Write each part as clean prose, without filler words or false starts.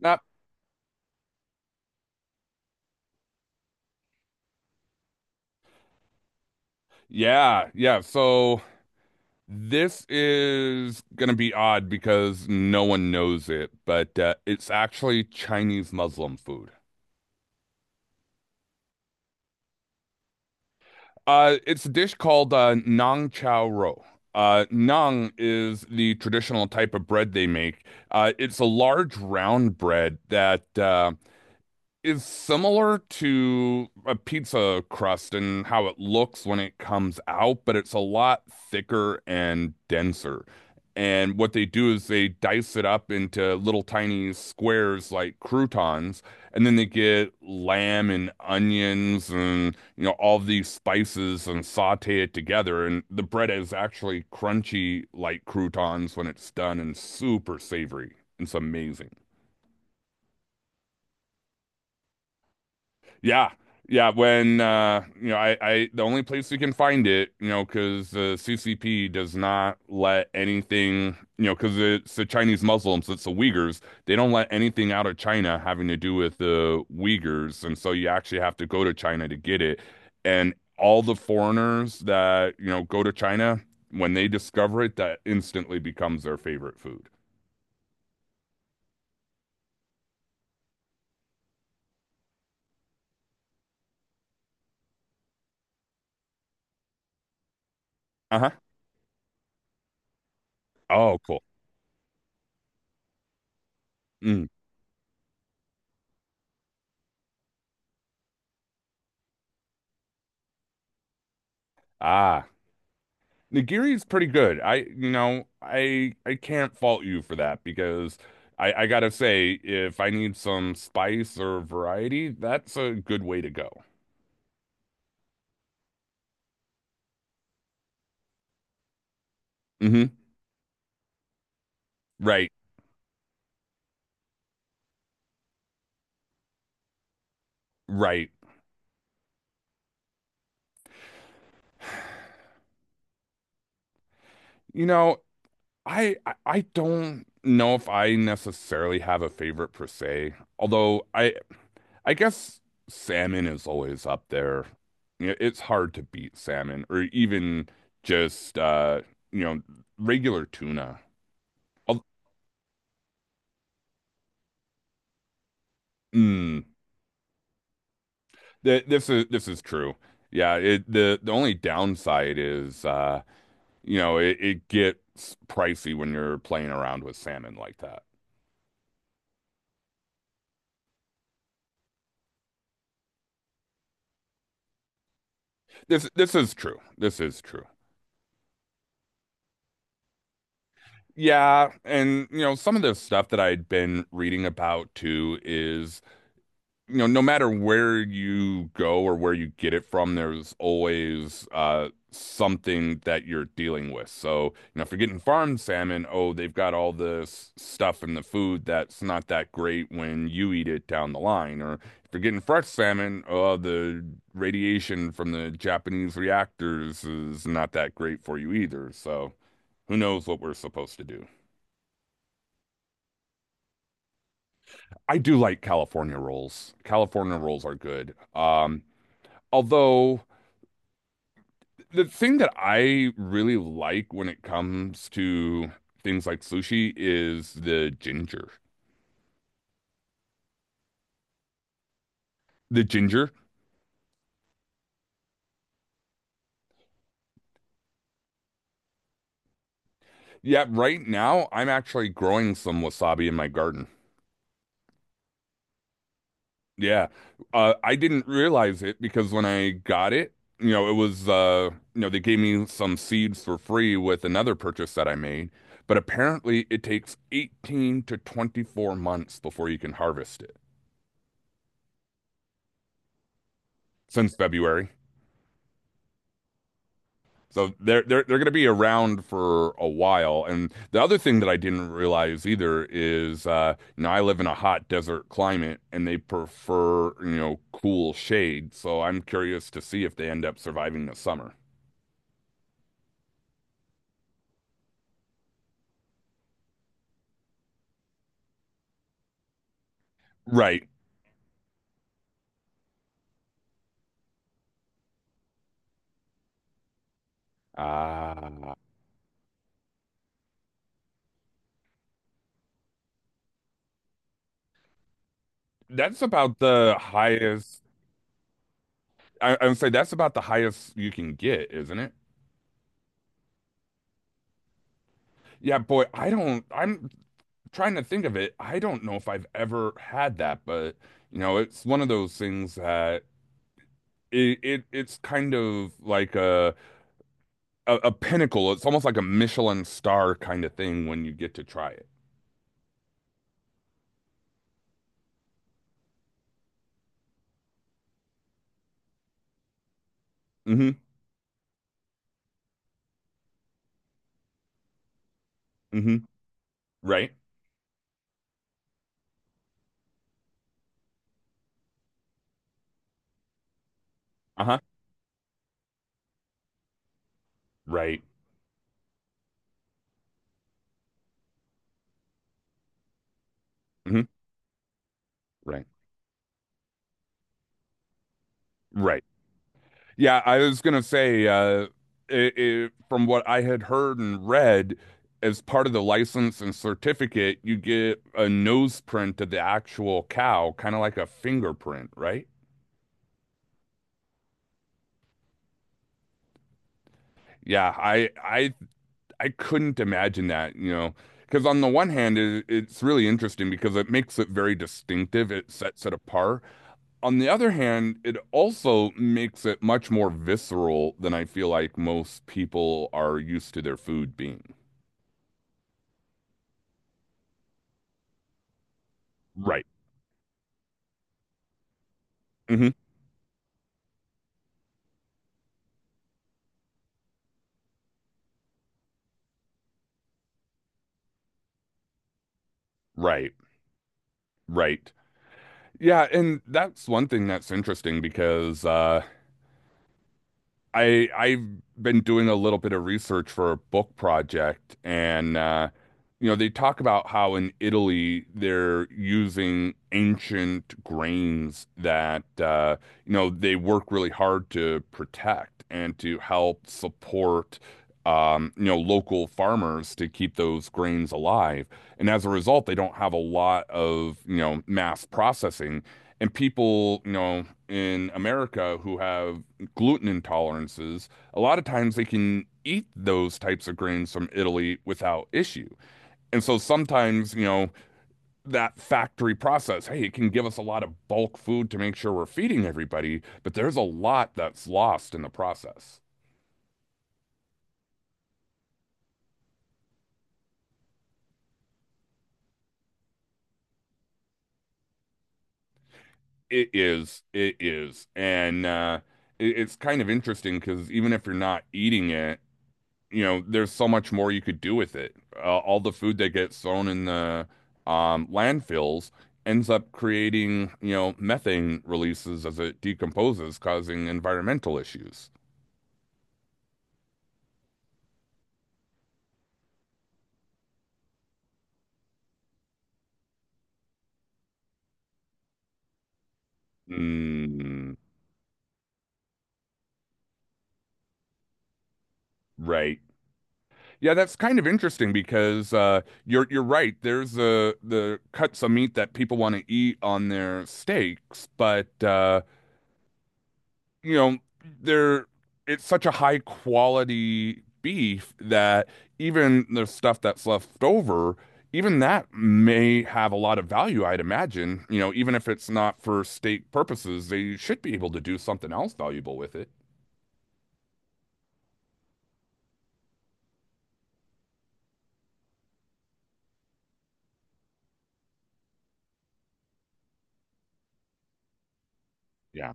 Not, Yeah, yeah. So this is going to be odd because no one knows it, but it's actually Chinese Muslim food. It's a dish called nang chao ro. Nang is the traditional type of bread they make. It's a large round bread that is similar to a pizza crust and how it looks when it comes out, but it's a lot thicker and denser. And what they do is they dice it up into little tiny squares like croutons, and then they get lamb and onions and all these spices and saute it together. And the bread is actually crunchy like croutons when it's done and super savory. It's amazing. Yeah. Yeah, when you know I the only place we can find it, because the CCP does not let anything, because it's the Chinese Muslims, it's the Uyghurs, they don't let anything out of China having to do with the Uyghurs, and so you actually have to go to China to get it. And all the foreigners that, go to China, when they discover it, that instantly becomes their favorite food. Uh-huh. Oh, cool. Mm. Ah. Nigiri's pretty good. I can't fault you for that because I gotta say, if I need some spice or variety, that's a good way to go. hmm Right, right. You know, I don't know if I necessarily have a favorite per se, although I guess salmon is always up there. It's hard to beat salmon or even just you know, regular tuna. Al- Mm. This is true. Yeah, it, the only downside is it gets pricey when you're playing around with salmon like that. This is true. This is true. Yeah, and some of the stuff that I'd been reading about too is no matter where you go or where you get it from, there's always something that you're dealing with. So, if you're getting farmed salmon, oh, they've got all this stuff in the food that's not that great when you eat it down the line. Or if you're getting fresh salmon, oh, the radiation from the Japanese reactors is not that great for you either. So, who knows what we're supposed to do. I do like California rolls. California rolls are good. Although The thing that I really like when it comes to things like sushi is the ginger. The ginger. Yeah, right now I'm actually growing some wasabi in my garden. Yeah. I didn't realize it because when I got it, they gave me some seeds for free with another purchase that I made. But apparently it takes 18 to 24 months before you can harvest it since February. So they're going to be around for a while. And the other thing that I didn't realize either is, I live in a hot desert climate, and they prefer, cool shade. So I'm curious to see if they end up surviving the summer. Right. Ah, that's about the highest. I would say that's about the highest you can get, isn't it? Yeah, boy. I don't. I'm trying to think of it, I don't know if I've ever had that, but it's one of those things that. It's kind of like a pinnacle. It's almost like a Michelin star kind of thing when you get to try it. Mm-hmm. Mm-hmm. Right. Uh-huh. Right. Mm-hmm. Right. Right. Yeah, I was gonna say, from what I had heard and read, as part of the license and certificate, you get a nose print of the actual cow, kind of like a fingerprint, right? Yeah, I couldn't imagine that, because on the one hand, it's really interesting because it makes it very distinctive. It sets it apart. On the other hand, it also makes it much more visceral than I feel like most people are used to their food being. Right. hmm Right. Right. Yeah, and that's one thing that's interesting because I've been doing a little bit of research for a book project, and they talk about how in Italy they're using ancient grains that they work really hard to protect and to help support local farmers to keep those grains alive. And as a result, they don't have a lot of, mass processing. And people, in America who have gluten intolerances, a lot of times they can eat those types of grains from Italy without issue. And so sometimes, that factory process, hey, it can give us a lot of bulk food to make sure we're feeding everybody, but there's a lot that's lost in the process. It is, it is. And it's kind of interesting because even if you're not eating it, there's so much more you could do with it. All the food that gets thrown in the landfills ends up creating, methane releases as it decomposes, causing environmental issues. Mm, right. Yeah, that's kind of interesting because you're right. There's the cuts of meat that people want to eat on their steaks, but you know, they're it's such a high quality beef that even the stuff that's left over, even that may have a lot of value, I'd imagine. Even if it's not for steak purposes, they should be able to do something else valuable with it. Yeah.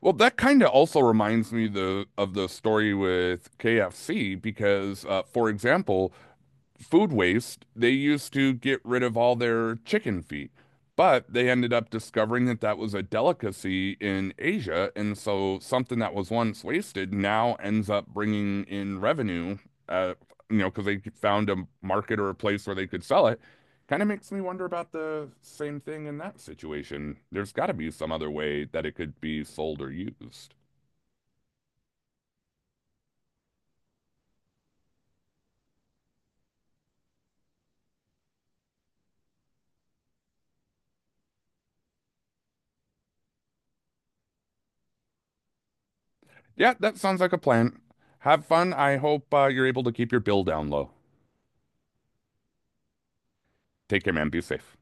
Well, that kind of also reminds me the of the story with KFC because, for example, food waste, they used to get rid of all their chicken feet. But they ended up discovering that that was a delicacy in Asia. And so something that was once wasted now ends up bringing in revenue, uh, because they found a market or a place where they could sell it. Kind of makes me wonder about the same thing in that situation. There's got to be some other way that it could be sold or used. Yeah, that sounds like a plan. Have fun. I hope you're able to keep your bill down low. Take care, man. Be safe.